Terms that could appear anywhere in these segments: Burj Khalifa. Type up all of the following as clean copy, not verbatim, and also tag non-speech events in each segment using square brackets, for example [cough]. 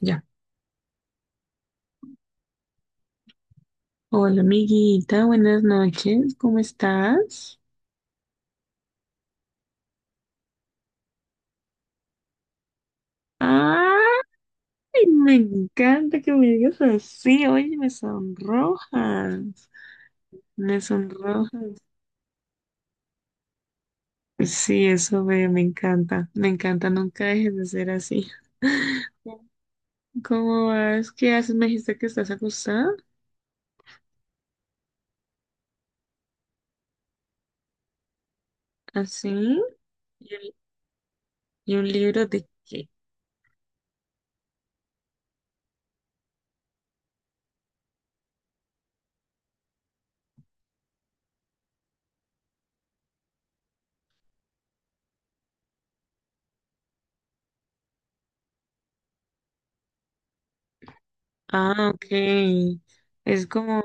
Ya. Hola, amiguita, buenas noches, ¿cómo estás? ¡Ay, me encanta que me digas así! Oye, me sonrojas, me sonrojas. Sí, eso veo, me encanta, nunca dejes de ser así. ¿Cómo vas? ¿Qué haces? Me dijiste que estás acostada, así. ¿Y un, y un libro de qué? Ah, ok. Es como,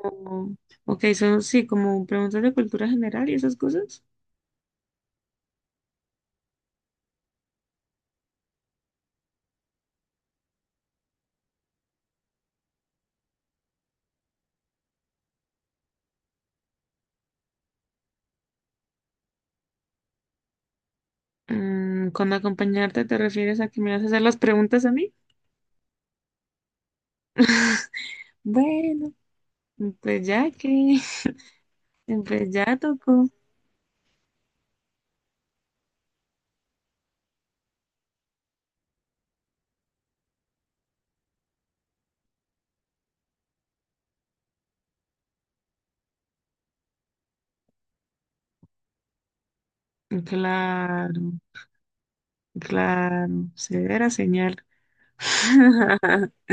ok, son, sí, como preguntas de cultura general y esas cosas. Mm, ¿con acompañarte te refieres a que me vas a hacer las preguntas a mí? Bueno, pues ya que, [laughs] pues ya tocó. Claro, claro, severa señal. [laughs]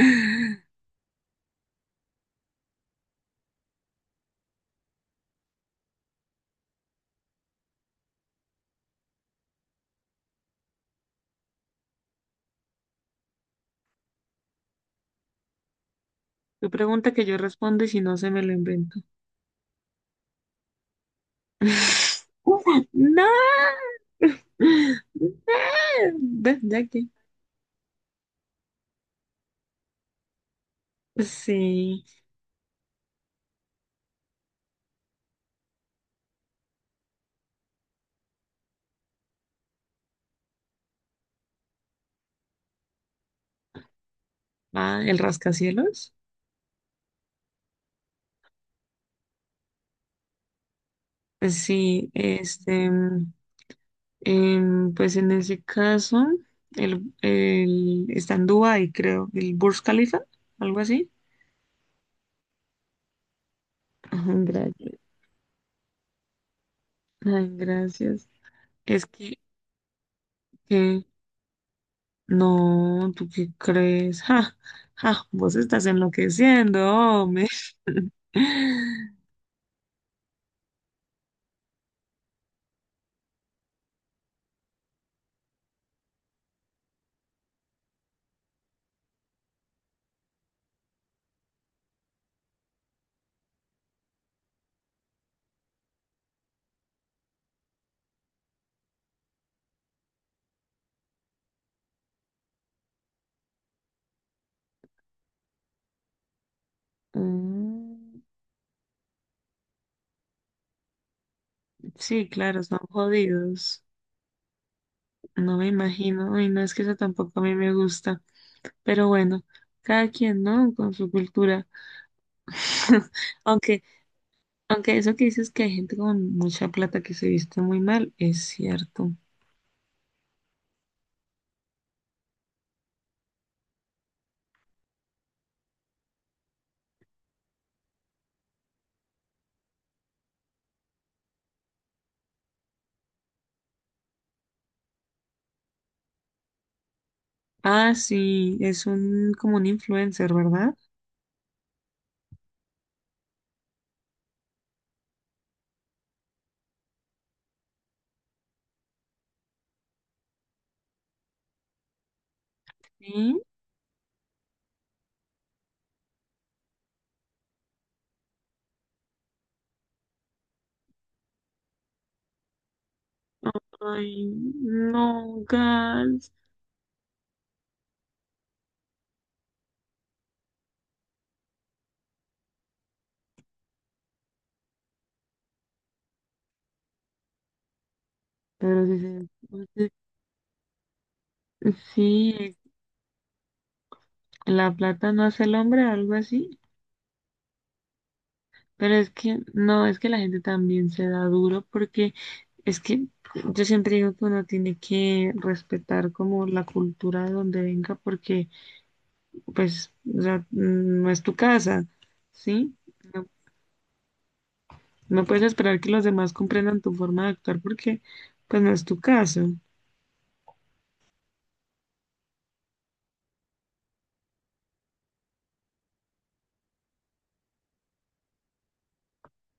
Tu pregunta que yo respondo y si no se me lo invento. [laughs] No, no, ve, ya que. Sí. Ah, el rascacielos. Pues sí, este. Pues en ese caso, el está en Dubái, creo, el Burj Khalifa, algo así. Ajá, gracias. Ay, gracias. Es que, no, ¿tú qué crees? Ja, ja, vos estás enloqueciendo, hombre. [laughs] Mm, sí, claro, son jodidos. No me imagino. Y no es que eso tampoco a mí me gusta. Pero bueno, cada quien, ¿no? Con su cultura. [laughs] Aunque Aunque eso que dices que hay gente con mucha plata que se viste muy mal, es cierto. Ah, sí, es un como un influencer, ¿verdad? Sí. Ay, no, gas. Pero sí, sí, sí, sí, la plata no hace el hombre, algo así. Pero es que, no, es que la gente también se da duro porque es que yo siempre digo que uno tiene que respetar como la cultura de donde venga porque pues, o sea, no es tu casa, ¿sí? No, no puedes esperar que los demás comprendan tu forma de actuar porque, pues, no es tu caso.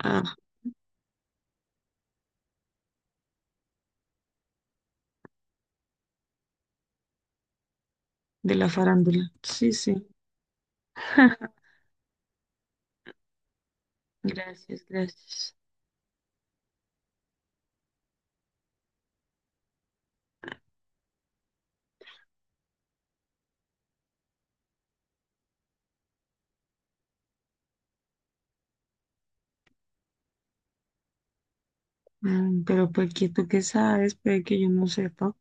Ah, de la farándula. Sí, sí. [laughs] Gracias, gracias. Mm, pero pues que tú qué sabes, puede que yo no sepa.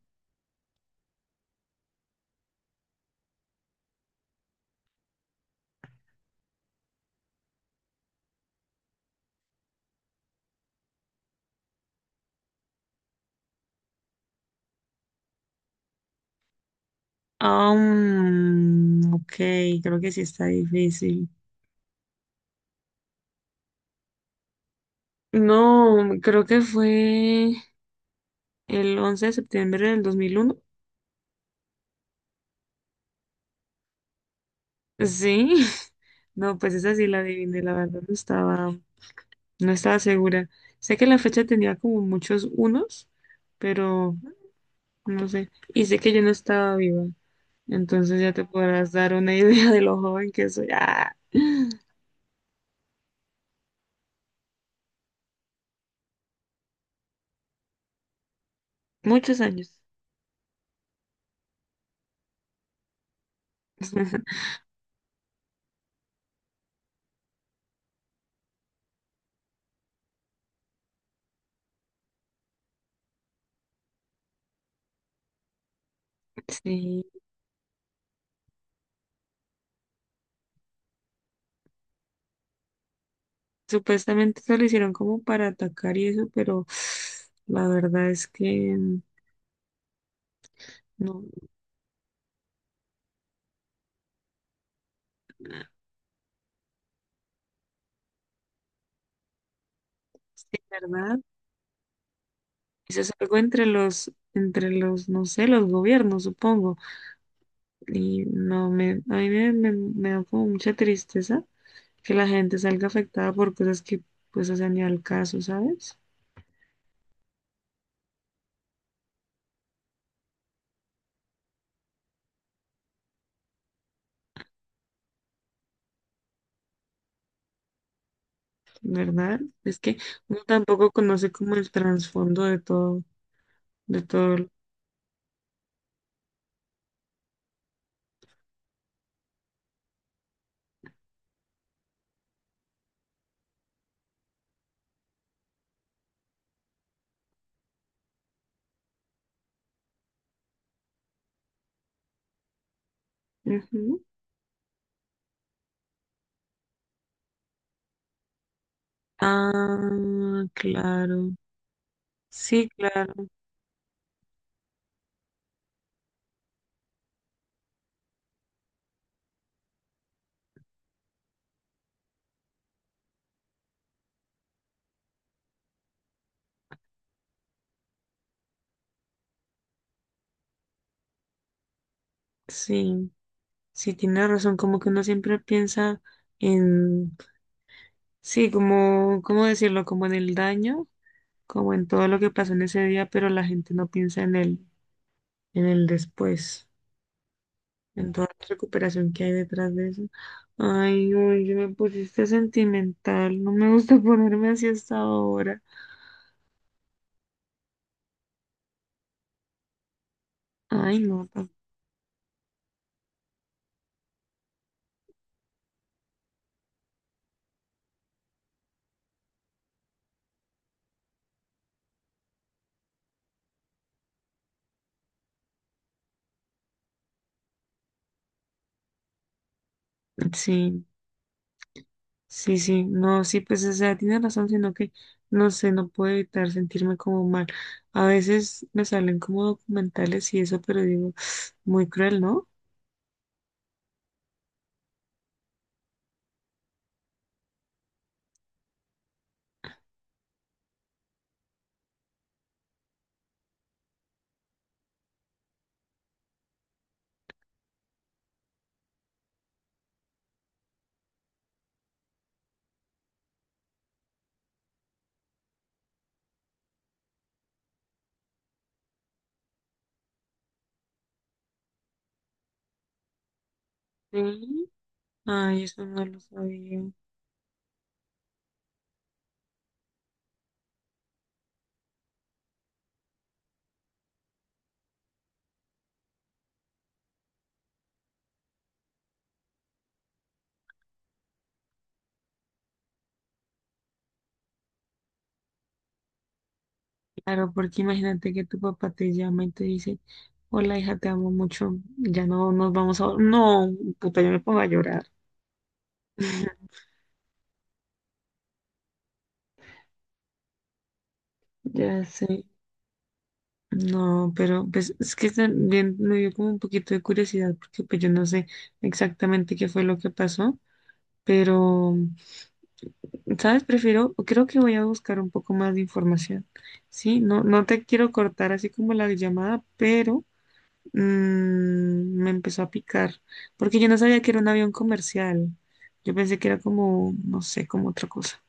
Ah, mm, ok, creo que sí está difícil. No, creo que fue el 11 de septiembre de 2001. Sí, [laughs] no, pues esa sí la adiviné, la verdad no estaba, no estaba segura. Sé que la fecha tenía como muchos unos, pero no sé. Y sé que yo no estaba viva. Entonces ya te podrás dar una [laughs] idea de lo joven que soy. ¡Ah! Muchos años. [laughs] Sí. Supuestamente se lo hicieron como para atacar y eso, pero la verdad es que no. Sí, ¿verdad? Eso es algo entre no sé, los gobiernos, supongo. Y no me, a mí me me da como mucha tristeza que la gente salga afectada por cosas que pues hacen ni al caso, ¿sabes? ¿Verdad? Es que uno tampoco conoce como el trasfondo de todo, de todo. El- Ujú. Ah, claro. Sí, claro. Sí, sí, tiene razón. Como que uno siempre piensa en, sí, como, ¿cómo decirlo? Como en el daño, como en todo lo que pasó en ese día, pero la gente no piensa en el después. En toda la recuperación que hay detrás de eso. Ay, hoy me pusiste sentimental, no me gusta [laughs] ponerme así hasta ahora. Ay, no, ta- sí, sí, sí, no, sí, pues, o sea, tiene razón, sino que, no sé, no puedo evitar sentirme como mal. A veces me salen como documentales y eso, pero digo, muy cruel, ¿no? Sí. Ay, eso no lo sabía. Claro, porque imagínate que tu papá te llama y te dice, hola hija, te amo mucho, ya no nos vamos a... No, puta, yo me pongo a llorar. [laughs] Ya sé. No, pero pues es que también me dio como un poquito de curiosidad porque pues yo no sé exactamente qué fue lo que pasó, pero, ¿sabes? Prefiero, creo que voy a buscar un poco más de información, ¿sí? No, no te quiero cortar así como la llamada, pero mm, me empezó a picar, porque yo no sabía que era un avión comercial. Yo pensé que era como, no sé, como otra cosa.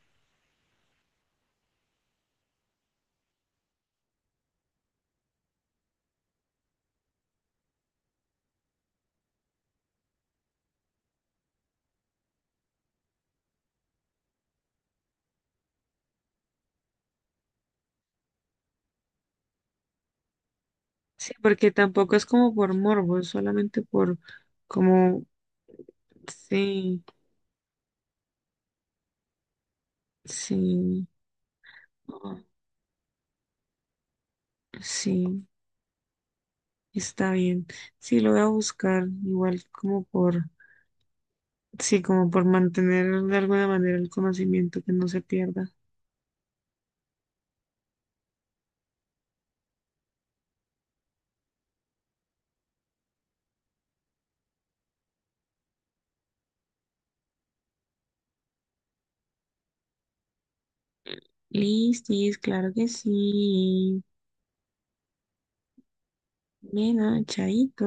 Sí, porque tampoco es como por morbo, es solamente por como, sí, sí, ah, sí, está bien. Sí, lo voy a buscar, igual como por, sí, como por mantener de alguna manera el conocimiento que no se pierda. Listis, claro que sí. Mena, chaito.